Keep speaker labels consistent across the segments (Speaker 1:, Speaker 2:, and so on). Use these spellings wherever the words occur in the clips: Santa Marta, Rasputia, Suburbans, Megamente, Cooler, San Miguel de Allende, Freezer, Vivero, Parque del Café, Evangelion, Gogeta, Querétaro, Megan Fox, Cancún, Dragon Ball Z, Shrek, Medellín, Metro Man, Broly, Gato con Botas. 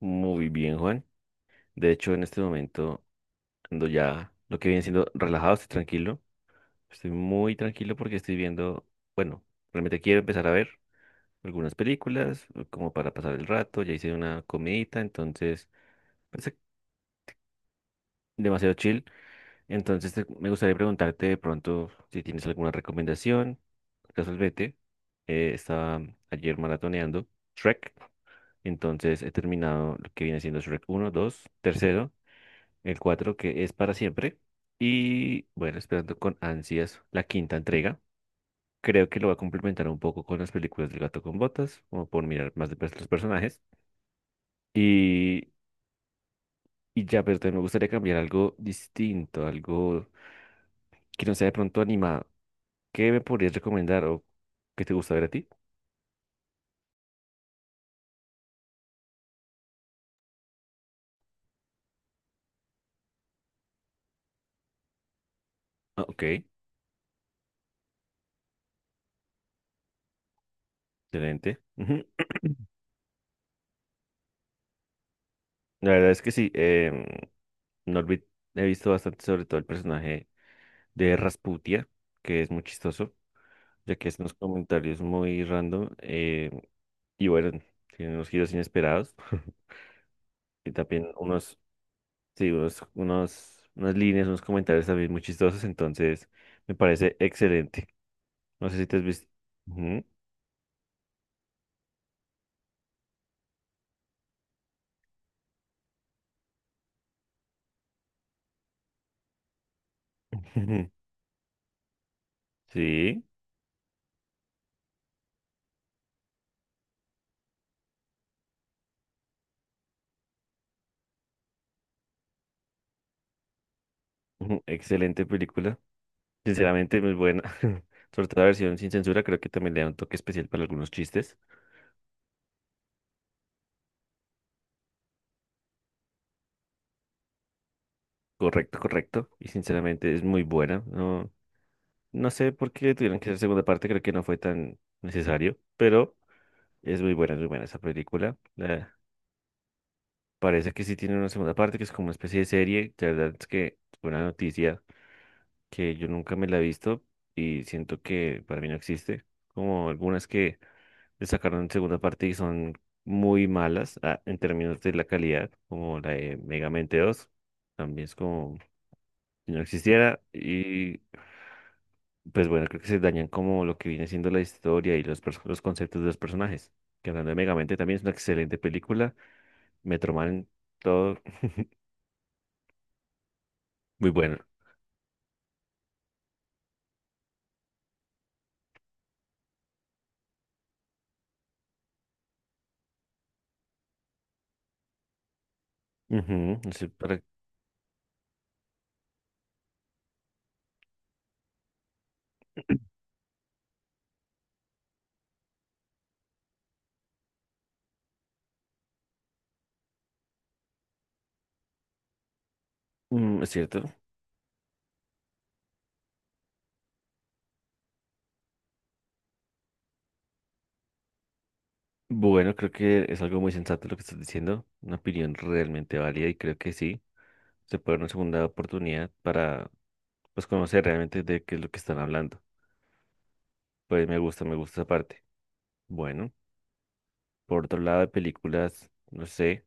Speaker 1: Muy bien, Juan. De hecho, en este momento ando ya lo que viene siendo relajado, estoy tranquilo. Estoy muy tranquilo porque estoy viendo, bueno, realmente quiero empezar a ver algunas películas como para pasar el rato. Ya hice una comidita, entonces, pues, demasiado chill. Entonces, me gustaría preguntarte de pronto si tienes alguna recomendación. Casualmente, estaba ayer maratoneando Shrek. Entonces, he terminado lo que viene siendo Shrek uno dos tercero. El 4 que es para siempre. Y bueno, esperando con ansias la quinta entrega. Creo que lo va a complementar un poco con las películas del Gato con Botas, como por mirar más de perto los personajes. Y, y ya, pero también me gustaría cambiar algo distinto, algo que no sea de pronto animado. ¿Qué me podrías recomendar o qué te gusta ver a ti? Ah, ok, excelente. Ujú. La verdad es que sí, no olvid- he visto bastante sobre todo el personaje de Rasputia, que es muy chistoso. Ya que es unos comentarios muy random, y bueno, tiene unos giros inesperados. Y también unos, sí, unas líneas, unos comentarios también muy chistosos, entonces me parece excelente. No sé si te has visto. Ujú. Sí, ujú, excelente película. Sinceramente, muy buena. Sobre todo la versión sin censura, creo que también le da un toque especial para algunos chistes. Correcto, correcto. Y sinceramente es muy buena, ¿no? No sé por qué tuvieron que hacer segunda parte, creo que no fue tan necesario, pero es muy buena esa película. Parece que sí tiene una segunda parte, que es como una especie de serie. La verdad es que fue una noticia que yo nunca me la he visto y siento que para mí no existe. Como algunas que le sacaron segunda parte y son muy malas, ah, en términos de la calidad, como la de Megamente dos, también es como si no existiera. Y pues bueno, creo que se dañan como lo que viene siendo la historia y los, los conceptos de los personajes. Que hablando de Megamente también es una excelente película. Metro Man, todo muy bueno. Ujú, no sé. Es cierto. Bueno, creo que es algo muy sensato lo que estás diciendo. Una opinión realmente válida y creo que sí. Se puede dar una segunda oportunidad para pues conocer realmente de qué es lo que están hablando. Pues me gusta esa parte. Bueno, por otro lado de películas, no sé,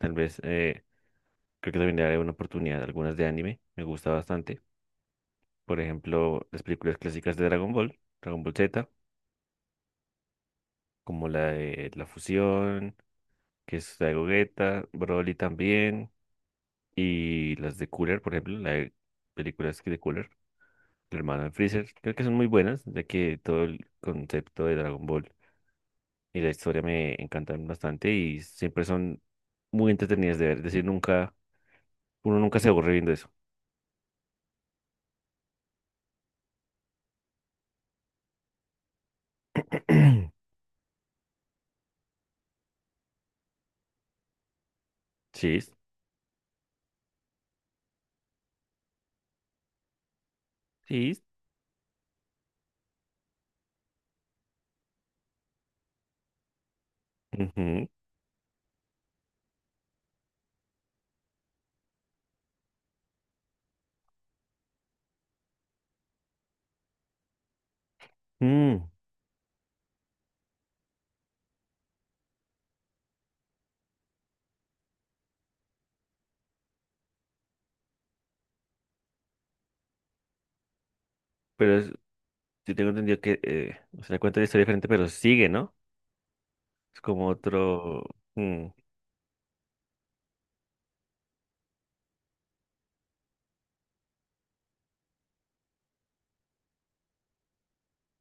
Speaker 1: tal vez, creo que también le daré una oportunidad a algunas. De anime me gusta bastante. Por ejemplo, las películas clásicas de Dragon Ball, Dragon Ball Z, como la de La Fusión, que es la de Gogeta, Broly también, y las de Cooler, por ejemplo, la de películas que de Cooler, el hermano de Freezer. Creo que son muy buenas, ya que todo el concepto de Dragon Ball y la historia me encantan bastante y siempre son muy entretenidas de ver. Es decir, nunca, uno nunca se aburre viendo eso. Sí, sí. Ujú. Mm. Pero yo tengo entendido que, o sea, cuenta la historia diferente, pero sigue, ¿no? Es como otro. Mm.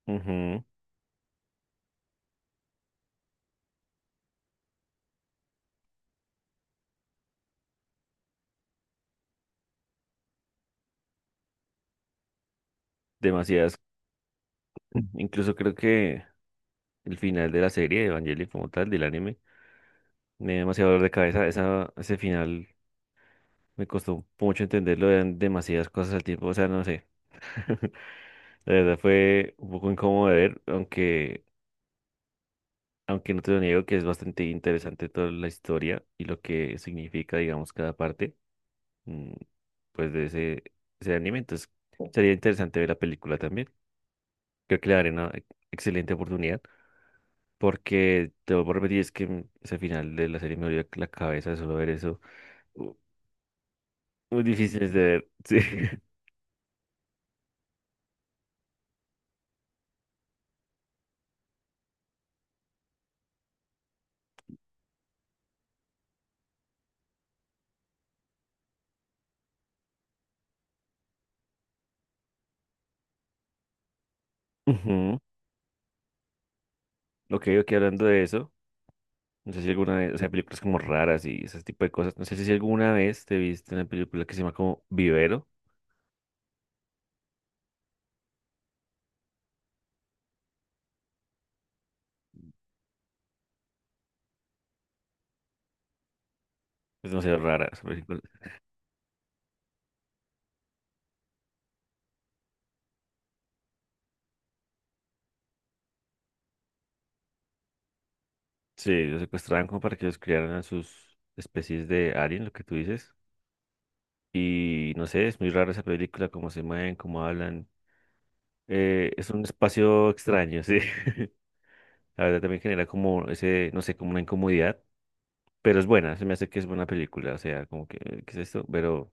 Speaker 1: Ujú. Demasiadas. Mm. Incluso creo que el final de la serie de Evangelion como tal, del anime, me dio demasiado dolor de cabeza. Esa, ese final me costó mucho entenderlo, eran demasiadas cosas al tiempo, o sea, no sé. La verdad fue un poco incómodo de ver, aunque, aunque no te lo niego que es bastante interesante toda la historia y lo que significa, digamos, cada parte. Mm, pues de ese, ese anime. Entonces, sería interesante ver la película también. Creo que le daré una excelente oportunidad porque te voy a repetir, es que ese final de la serie me dolió la cabeza de solo ver eso. Uh, Muy difíciles de ver, sí. Ujú. Ok, ok, hablando de eso, no sé si alguna vez, o sea, películas como raras y ese tipo de cosas, no sé si alguna vez te viste una película que se llama como Vivero, es demasiado rara esa película. Sí, los secuestraban como para que los criaran a sus especies de alien, lo que tú dices. Y no sé, es muy raro esa película, cómo se mueven, cómo hablan. Es un espacio extraño, sí. La verdad también genera como ese, no sé, como una incomodidad, pero es buena, se me hace que es buena película, o sea, como que, ¿qué es esto? Pero,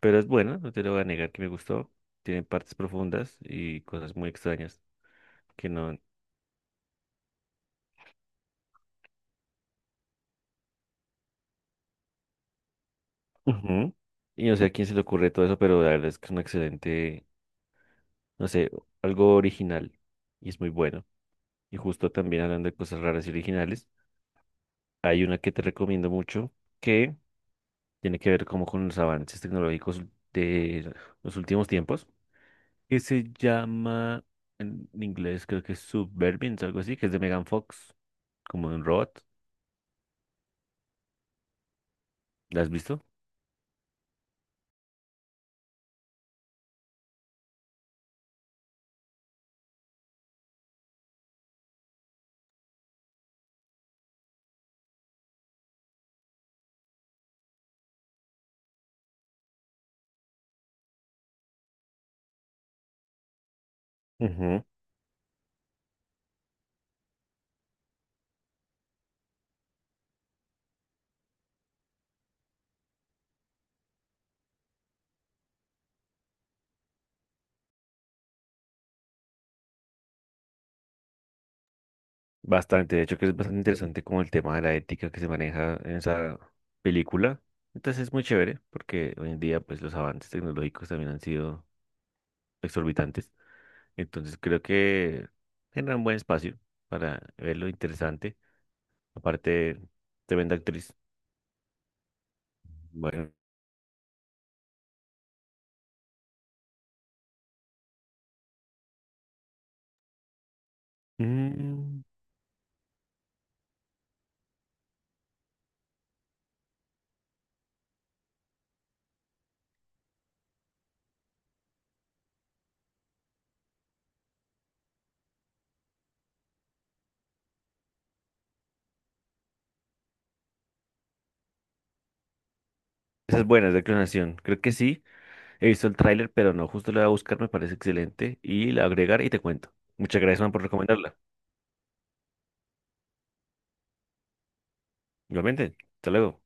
Speaker 1: pero es buena, no te lo voy a negar que me gustó. Tiene partes profundas y cosas muy extrañas que no. Ujú. Y no sé a quién se le ocurre todo eso, pero la verdad es que es un excelente, no sé, algo original y es muy bueno. Y justo también hablando de cosas raras y originales. Hay una que te recomiendo mucho que tiene que ver como con los avances tecnológicos de los últimos tiempos, que se llama en inglés creo que es Suburbans, algo así, que es de Megan Fox, como de un robot. ¿La has visto? Ujú, bastante, de hecho que es bastante interesante como el tema de la ética que se maneja en esa película. Entonces es muy chévere porque hoy en día pues los avances tecnológicos también han sido exorbitantes. Entonces creo que genera un buen espacio para verlo interesante. Aparte, tremenda actriz. Bueno. Mm, Esa es buena, es de clonación. Creo que sí. He visto el tráiler, pero no, justo la voy a buscar, me parece excelente. Y la agregar y te cuento. Muchas gracias, man, por recomendarla. Igualmente, hasta luego.